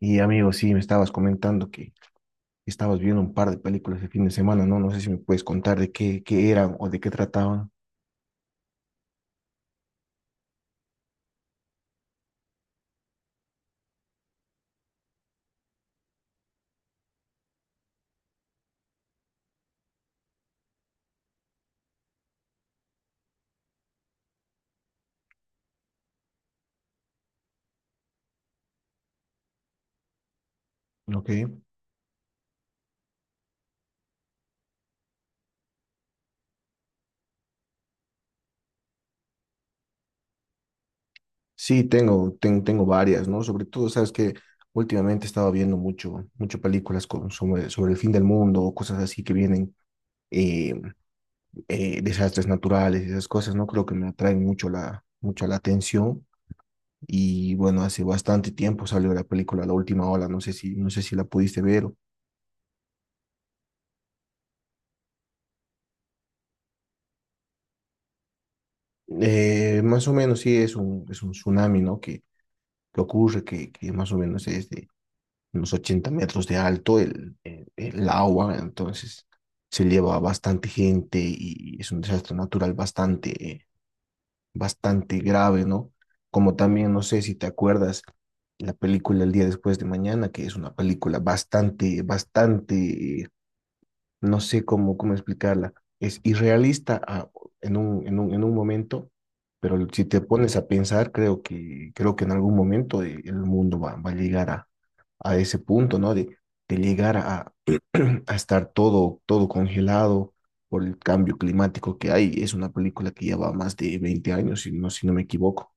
Y amigo, sí, me estabas comentando que estabas viendo un par de películas el fin de semana, ¿no? No sé si me puedes contar de qué eran o de qué trataban. Ok. Sí, tengo varias, ¿no? Sobre todo, sabes que últimamente estaba viendo mucho películas sobre el fin del mundo o cosas así que vienen, eh, desastres naturales, esas cosas, ¿no? Creo que me atraen mucho la atención. Y bueno, hace bastante tiempo salió la película La Última Ola, no sé si la pudiste ver. Más o menos sí es un tsunami, ¿no? Que ocurre, que más o menos es de unos 80 metros de alto el agua, entonces se lleva a bastante gente y es un desastre natural bastante, bastante grave, ¿no? Como también, no sé si te acuerdas, la película El día después de mañana, que es una película bastante no sé cómo explicarla. Es irrealista en en un momento, pero si te pones a pensar, creo que en algún momento el mundo va a llegar a ese punto, ¿no? De llegar a, a estar todo congelado por el cambio climático que hay. Es una película que lleva más de 20 años, si no me equivoco.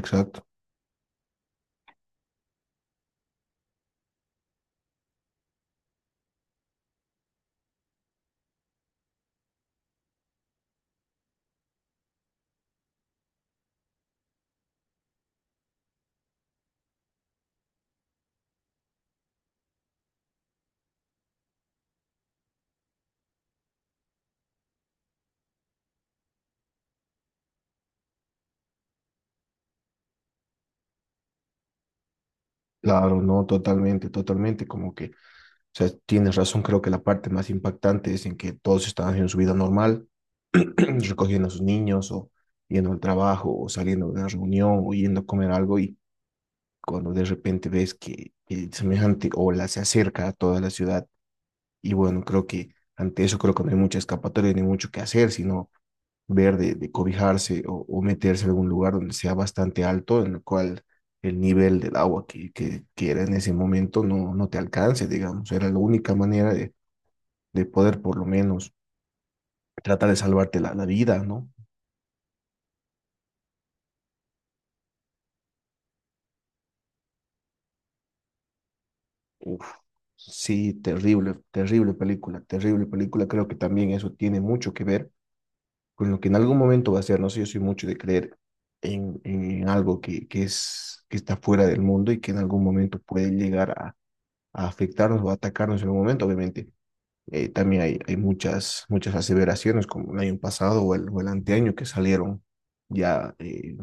Exacto. Claro, no, totalmente, totalmente, como que, o sea, tienes razón, creo que la parte más impactante es en que todos están haciendo su vida normal, recogiendo a sus niños o yendo al trabajo o saliendo de una reunión o yendo a comer algo y cuando de repente ves que el semejante ola se acerca a toda la ciudad y bueno, creo que ante eso creo que no hay mucha escapatoria ni mucho que hacer, sino ver de cobijarse o meterse en algún lugar donde sea bastante alto, en el cual el nivel del agua que era en ese momento no te alcance, digamos, era la única manera de poder por lo menos tratar de salvarte la vida, ¿no? Uf, sí, terrible, terrible película, terrible película. Creo que también eso tiene mucho que ver con lo que en algún momento va a ser. No sé, yo soy mucho de creer en algo que está fuera del mundo y que en algún momento puede llegar a afectarnos o a atacarnos en un momento. Obviamente, también hay muchas aseveraciones como el año pasado o o el anteaño que salieron ya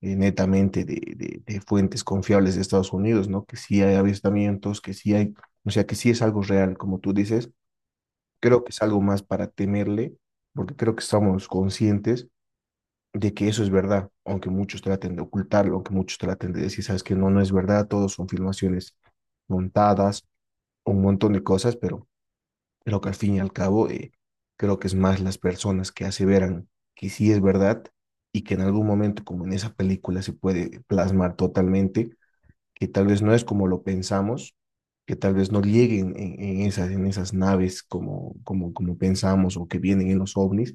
netamente fuentes confiables de Estados Unidos, ¿no? Que sí hay avistamientos, que sí hay, o sea, que sí es algo real, como tú dices. Creo que es algo más para temerle, porque creo que estamos conscientes de que eso es verdad, aunque muchos traten de ocultarlo, aunque muchos traten de decir, sabes que no, no es verdad, todos son filmaciones montadas, un montón de cosas, pero que al fin y al cabo creo que es más las personas que aseveran que sí es verdad y que en algún momento, como en esa película, se puede plasmar totalmente, que tal vez no es como lo pensamos, que tal vez no lleguen en esas naves como pensamos o que vienen en los ovnis,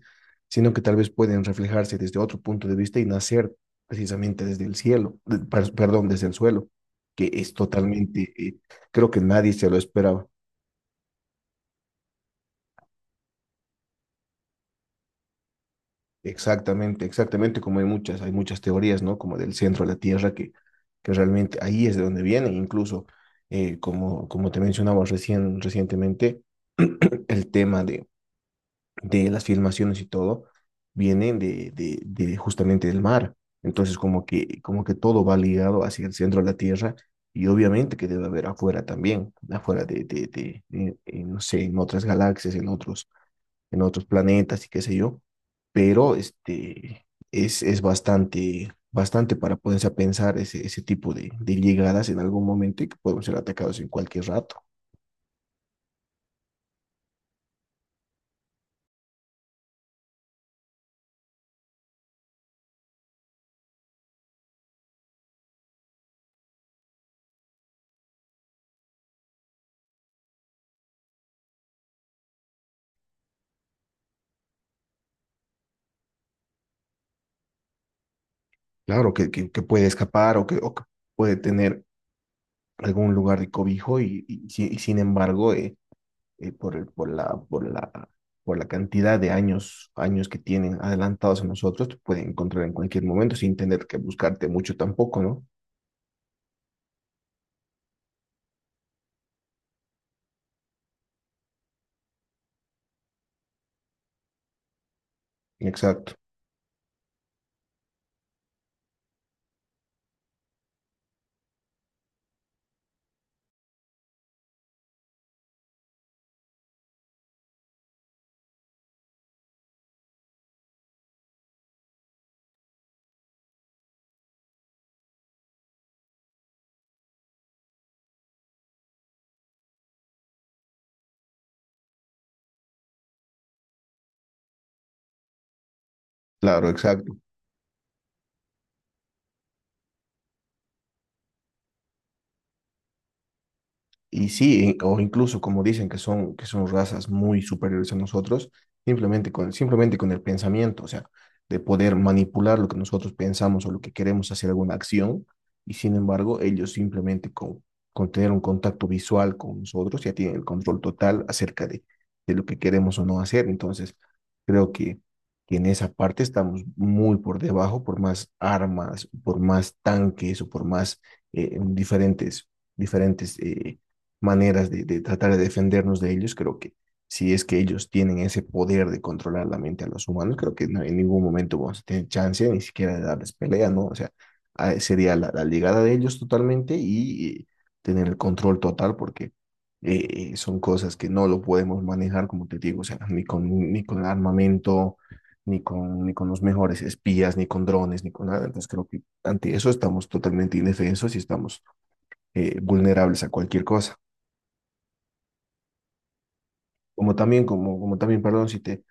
sino que tal vez pueden reflejarse desde otro punto de vista y nacer precisamente desde el cielo, perdón, desde el suelo, que es totalmente, creo que nadie se lo esperaba. Exactamente, exactamente, como hay muchas teorías, ¿no? Como del centro de la Tierra, que realmente ahí es de donde viene, incluso, como te mencionaba recientemente, el tema de las filmaciones y todo vienen de justamente del mar. Entonces, como que todo va ligado hacia el centro de la Tierra y obviamente que debe haber afuera también, afuera no sé, en otras galaxias, en otros planetas y qué sé yo, pero este, es bastante para ponerse a pensar ese tipo de llegadas en algún momento y que podemos ser atacados en cualquier rato. Claro, que puede escapar o o que puede tener algún lugar de cobijo y, y sin embargo, por, el- por la, por la, por la cantidad de años que tienen adelantados a nosotros, te pueden encontrar en cualquier momento sin tener que buscarte mucho tampoco, ¿no? Exacto, claro, exacto. Y sí, o incluso como dicen que son razas muy superiores a nosotros, simplemente con el pensamiento, o sea, de poder manipular lo que nosotros pensamos o lo que queremos hacer alguna acción, y sin embargo, ellos con tener un contacto visual con nosotros ya tienen el control total acerca de lo que queremos o no hacer. Entonces, creo que, que en esa parte estamos muy por debajo, por más armas, por más tanques o por más eh, diferentes, diferentes... maneras de tratar de defendernos de ellos. Creo que si es que ellos tienen ese poder de controlar la mente a los humanos, creo que no, en ningún momento vamos a tener chance ni siquiera de darles pelea, ¿no? O sea, sería la llegada de ellos totalmente y tener el control total porque son cosas que no lo podemos manejar, como te digo, o sea, ni con armamento, ni con los mejores espías, ni con drones, ni con nada. Entonces creo que ante eso estamos totalmente indefensos y estamos vulnerables a cualquier cosa. Como también, como también, perdón,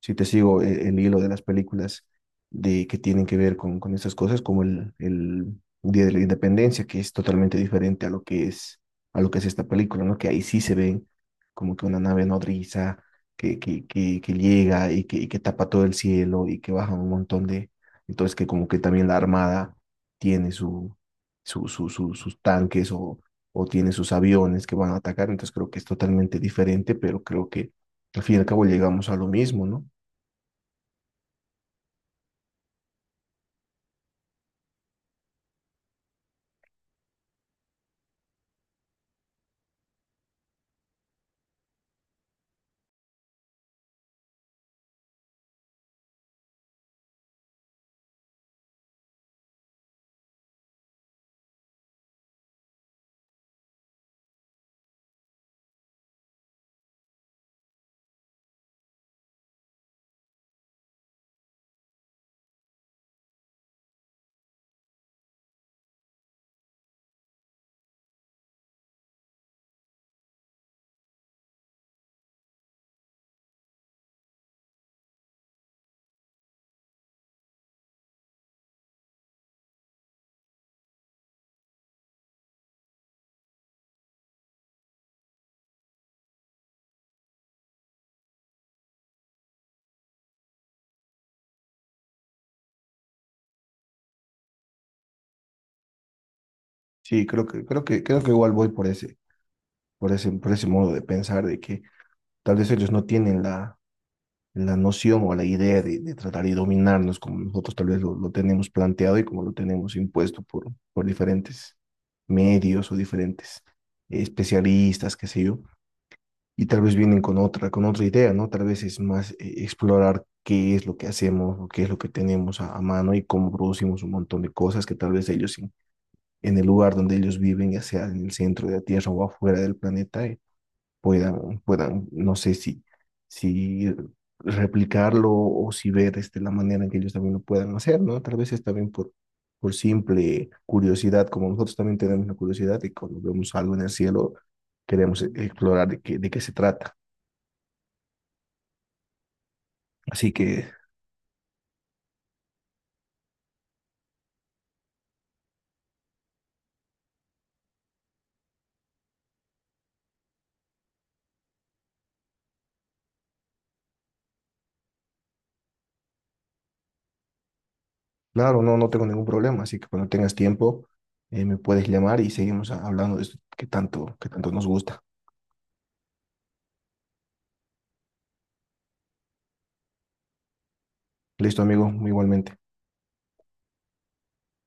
si te sigo hilo de las películas de, que tienen que ver con estas cosas, como el Día de la Independencia, que es totalmente diferente a lo que es, a lo que es esta película, ¿no? Que ahí sí se ven como que una nave nodriza que llega y y que tapa todo el cielo y que baja un montón de... Entonces que como que también la Armada tiene sus tanques o tiene sus aviones que van a atacar, entonces creo que es totalmente diferente, pero creo que al fin y al cabo llegamos a lo mismo, ¿no? Sí, creo que igual voy por por ese modo de pensar de que tal vez ellos no tienen la noción o la idea de tratar de dominarnos como nosotros tal vez lo tenemos planteado y como lo tenemos impuesto por diferentes medios o diferentes especialistas, qué sé yo, y tal vez vienen con con otra idea, ¿no? Tal vez es más explorar qué es lo que hacemos o qué es lo que tenemos a mano y cómo producimos un montón de cosas que tal vez ellos en el lugar donde ellos viven, ya sea en el centro de la Tierra o afuera del planeta, puedan, no sé si, si replicarlo o si ver este, la manera en que ellos también lo puedan hacer, ¿no? Tal vez es también por simple curiosidad, como nosotros también tenemos la curiosidad y cuando vemos algo en el cielo queremos explorar de qué se trata. Así que, claro, no, no tengo ningún problema, así que cuando tengas tiempo me puedes llamar y seguimos hablando de esto que tanto nos gusta. Listo, amigo, igualmente.